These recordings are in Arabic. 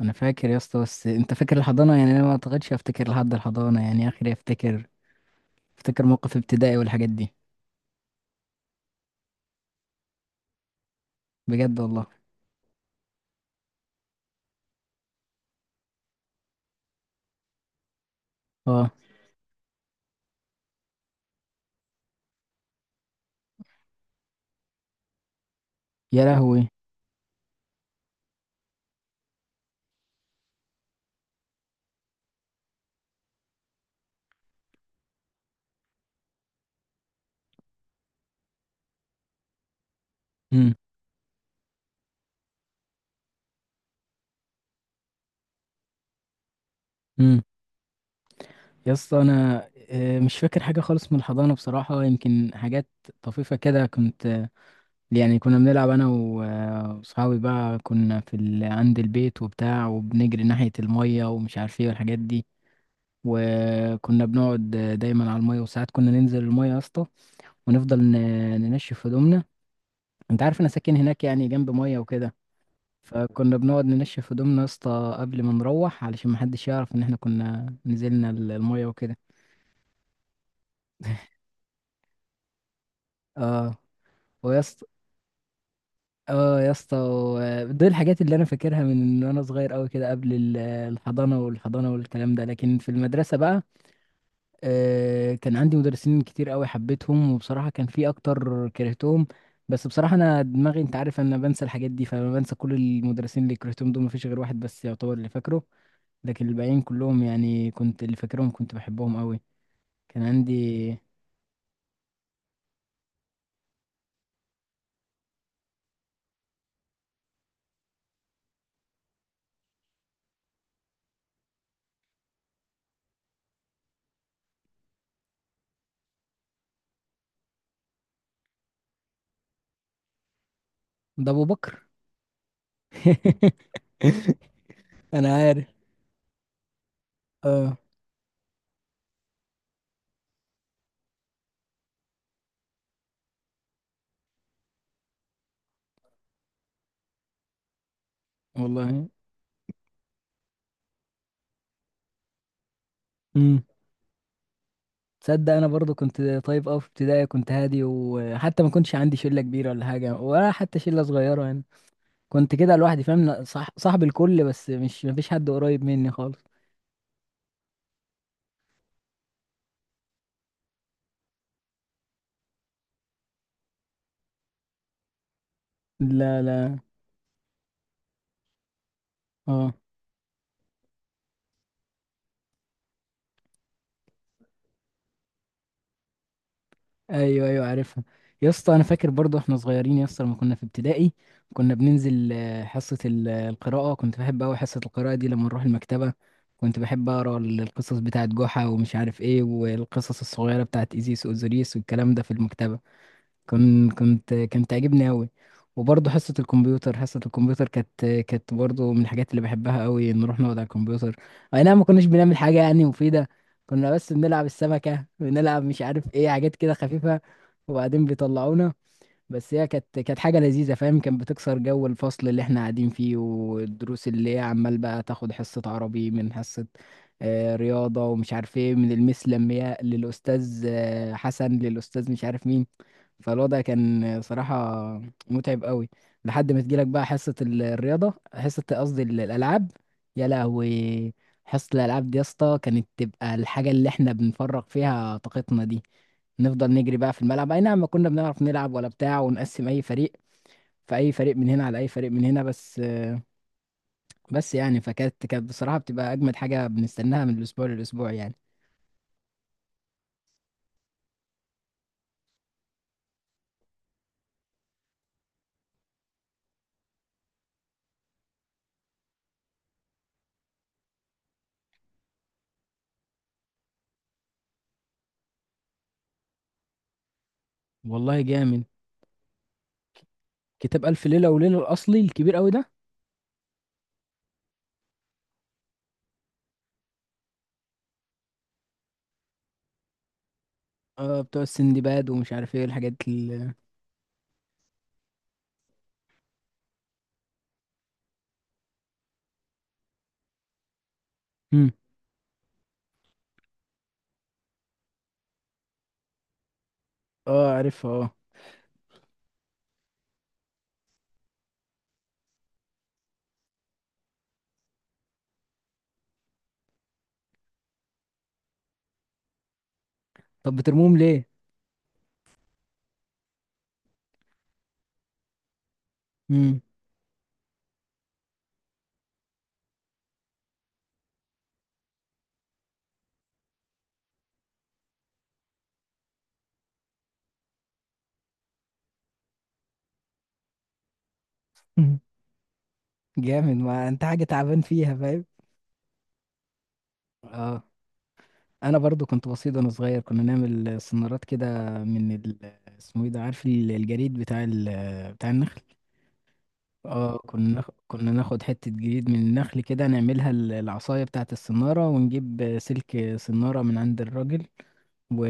انا فاكر يا اسطى، بس انت فاكر الحضانه؟ يعني انا ما اعتقدش افتكر لحد الحضانه، يعني اخري افتكر موقف ابتدائي والحاجات دي. بجد والله. اه، يا لهوي. امم امم يا اسطى، انا مش فاكر حاجه خالص من الحضانه بصراحه. يمكن حاجات طفيفه كده. كنت يعني كنا بنلعب انا واصحابي بقى، كنا في عند البيت وبتاع، وبنجري ناحيه الميه ومش عارف ايه والحاجات دي. وكنا بنقعد دايما على الميه، وساعات كنا ننزل الميه يا اسطى، ونفضل ننشف هدومنا. انت عارف انا ساكن هناك، يعني جنب ميه وكده. فكنا بنقعد ننشف هدومنا يا اسطى قبل ما نروح، علشان محدش يعرف ان احنا كنا نزلنا الميه وكده. اه. ويا اسطى، اه يا اسطى، دي الحاجات اللي انا فاكرها من ان انا صغير قوي كده، قبل الحضانه والحضانه والكلام ده. لكن في المدرسه بقى، كان عندي مدرسين كتير قوي حبيتهم، وبصراحة كان في اكتر كرهتهم. بس بصراحة انا دماغي، انت عارف انا بنسى الحاجات دي، فلما بنسى كل المدرسين اللي كرهتهم دول مفيش غير واحد بس يعتبر اللي فاكره. لكن الباقيين كلهم يعني، كنت اللي فاكرهم كنت بحبهم قوي. كان عندي. ده ابو بكر. انا عارف. اه والله. امم. تصدق انا برضو كنت طيب قوي في ابتدائي، كنت هادي، وحتى ما كنتش عندي شلة كبيرة ولا حاجة ولا حتى شلة صغيرة يعني. كنت كده لوحدي، فاهم؟ صح، صاحب الكل، بس مش، مفيش حد قريب مني خالص. لا لا. اه. ايوه، ايوه عارفها. يا اسطى انا فاكر برضه احنا صغيرين يا اسطى لما كنا في ابتدائي، كنا بننزل حصه القراءه. كنت بحب قوي حصه القراءه دي لما نروح المكتبه. كنت بحب اقرا القصص بتاعت جحا ومش عارف ايه، والقصص الصغيره بتاعت ايزيس واوزوريس والكلام ده في المكتبه. كنت كنت كانت تعجبني أوي. وبرضه حصة الكمبيوتر كانت برضه من الحاجات اللي بحبها أوي. نروح نقعد على الكمبيوتر، أي نعم ما كناش بنعمل حاجة يعني مفيدة. كنا بس بنلعب السمكة، بنلعب مش عارف ايه، حاجات كده خفيفة. وبعدين بيطلعونا. بس هي كانت حاجة لذيذة، فاهم؟ كانت بتكسر جو الفصل اللي احنا قاعدين فيه والدروس اللي هي عمال بقى تاخد حصة عربي من حصة رياضة، ومش عارف ايه، من المس لمياء للأستاذ حسن للأستاذ مش عارف مين. فالوضع كان صراحة متعب قوي، لحد ما تجيلك بقى حصة الرياضة، حصة قصدي الألعاب. يا لهوي، حصة الألعاب دي يا اسطى كانت تبقى الحاجة اللي احنا بنفرغ فيها طاقتنا دي. نفضل نجري بقى في الملعب، أي نعم ما كنا بنعرف نلعب ولا بتاع، ونقسم أي فريق، فأي فريق من هنا على أي فريق من هنا بس. بس يعني كانت بصراحة بتبقى أجمد حاجة بنستناها من الأسبوع للأسبوع يعني. والله جامد. كتاب ألف ليلة وليلة الأصلي الكبير قوي ده؟ اه، بتوع السندباد ومش عارف ايه الحاجات ال مم. اه عارفها، اه. طب بترموهم ليه؟ مم. جامد، ما انت حاجة تعبان فيها، فاهم؟ اه، انا برضو كنت بسيط وانا صغير. كنا نعمل سنارات كده من اسمه ايه ده، عارف الجريد بتاع بتاع النخل؟ اه، كنا ناخد حتة جريد من النخل كده، نعملها العصاية بتاعة السنارة، ونجيب سلك سنارة من عند الراجل و...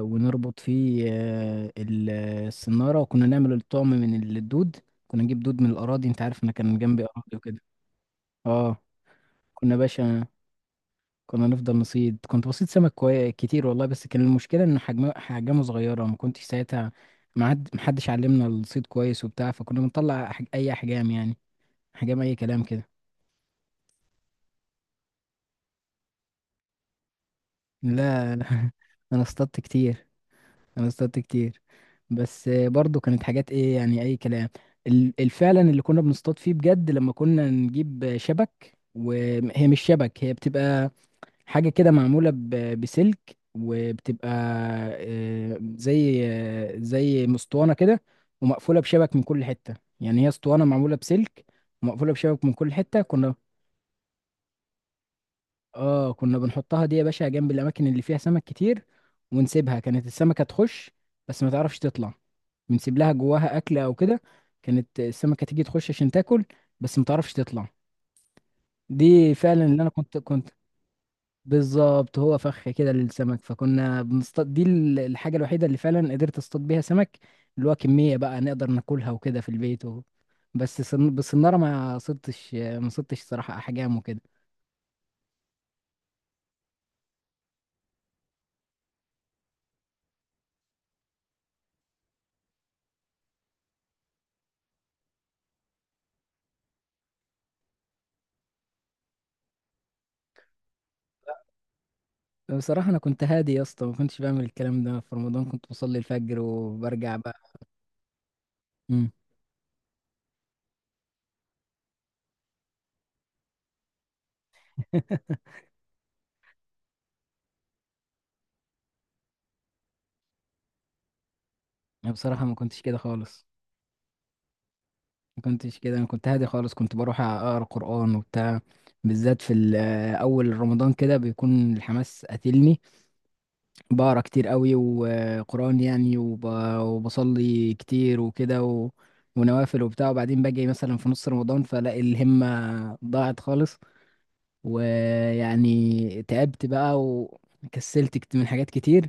ونربط فيه السنارة. وكنا نعمل الطعم من الدود، كنا نجيب دود من الأراضي. أنت عارف أنا كان جنبي أراضي وكده. أه. كنا باشا كنا نفضل نصيد، كنت بصيد سمك كتير والله، بس كان المشكلة إن حجمه صغيرة. ما كنتش ساعتها ما حد محدش علمنا الصيد كويس وبتاع، فكنا بنطلع أي أحجام يعني، أحجام أي كلام كده. لا. أنا اصطدت كتير، انا اصطدت كتير. بس برضو كانت حاجات ايه يعني، اي كلام. الفعلا اللي كنا بنصطاد فيه بجد لما كنا نجيب شبك، وهي مش شبك، هي بتبقى حاجة كده معمولة بسلك، وبتبقى زي مسطوانة كده ومقفولة بشبك من كل حتة. يعني هي اسطوانة معمولة بسلك ومقفولة بشبك من كل حتة. كنا بنحطها دي يا باشا جنب الاماكن اللي فيها سمك كتير، ونسيبها. كانت السمكة تخش بس ما تعرفش تطلع. بنسيب لها جواها اكل او كده. كانت السمكة تيجي تخش عشان تاكل، بس ما تعرفش تطلع. دي فعلا اللي انا كنت بالظبط. هو فخ كده للسمك، فكنا بنصطاد. دي الحاجة الوحيدة اللي فعلا قدرت اصطاد بيها سمك، اللي هو كمية بقى نقدر ناكلها وكده في البيت بس بالصنارة ما صدتش، ما صدتش صراحة احجام وكده. بصراحة أنا كنت هادي يا اسطى، ما كنتش بعمل الكلام ده في رمضان، كنت بصلي الفجر وبرجع بقى. امم. أنا بصراحة ما كنتش كده خالص. ما كنتش كده، أنا كنت هادي خالص. كنت بروح أقرأ قرآن وبتاع، بالذات في أول رمضان كده بيكون الحماس قاتلني. بقرأ كتير قوي وقرآن يعني وبصلي كتير وكده ونوافل وبتاع. وبعدين باجي مثلا في نص رمضان فلاقي الهمة ضاعت خالص. ويعني تعبت بقى وكسلت من حاجات كتير.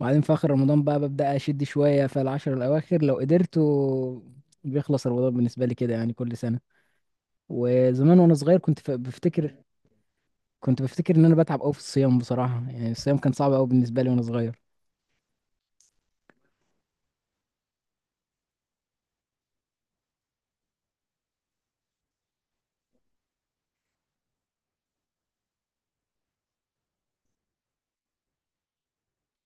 وبعدين في آخر رمضان بقى ببدأ أشد شوية في العشر الأواخر لو قدرت بيخلص رمضان بالنسبة لي كده يعني كل سنة. وزمان وأنا صغير كنت بفتكر إن أنا بتعب أوي في الصيام، بصراحة يعني الصيام كان صعب أوي بالنسبة لي وأنا صغير.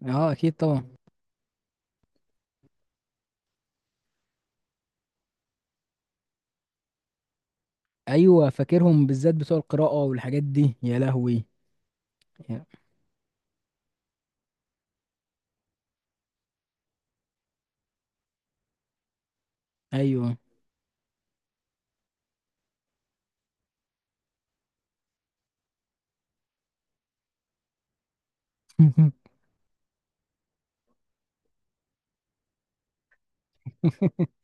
أه أكيد طبعا. أيوه فاكرهم، بالذات بتوع القراءة والحاجات دي، يا لهوي. يا- أيوه.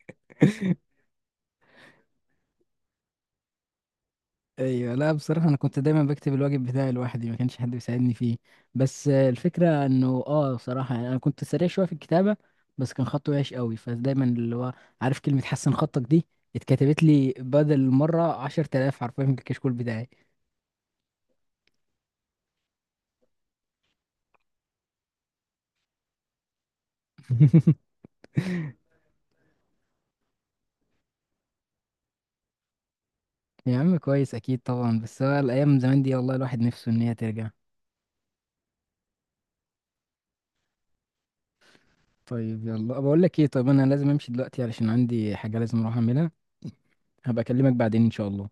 ايوه. لا بصراحه انا كنت دايما بكتب الواجب بتاعي لوحدي، ما كانش حد بيساعدني فيه. بس الفكره انه، بصراحه يعني انا كنت سريع شويه في الكتابه، بس كان خطي وحش قوي، فدايما اللي هو عارف كلمه حسن خطك دي، اتكتبت لي بدل مره 10000 حرفيا في الكشكول بتاعي. يا عم كويس، اكيد طبعا، بس هو الايام زمان دي والله الواحد نفسه ان هي ترجع. طيب يلا، بقول لك ايه، طيب انا لازم امشي دلوقتي علشان عندي حاجه لازم اروح اعملها. هبقى اكلمك بعدين ان شاء الله.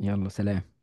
يلا سلام.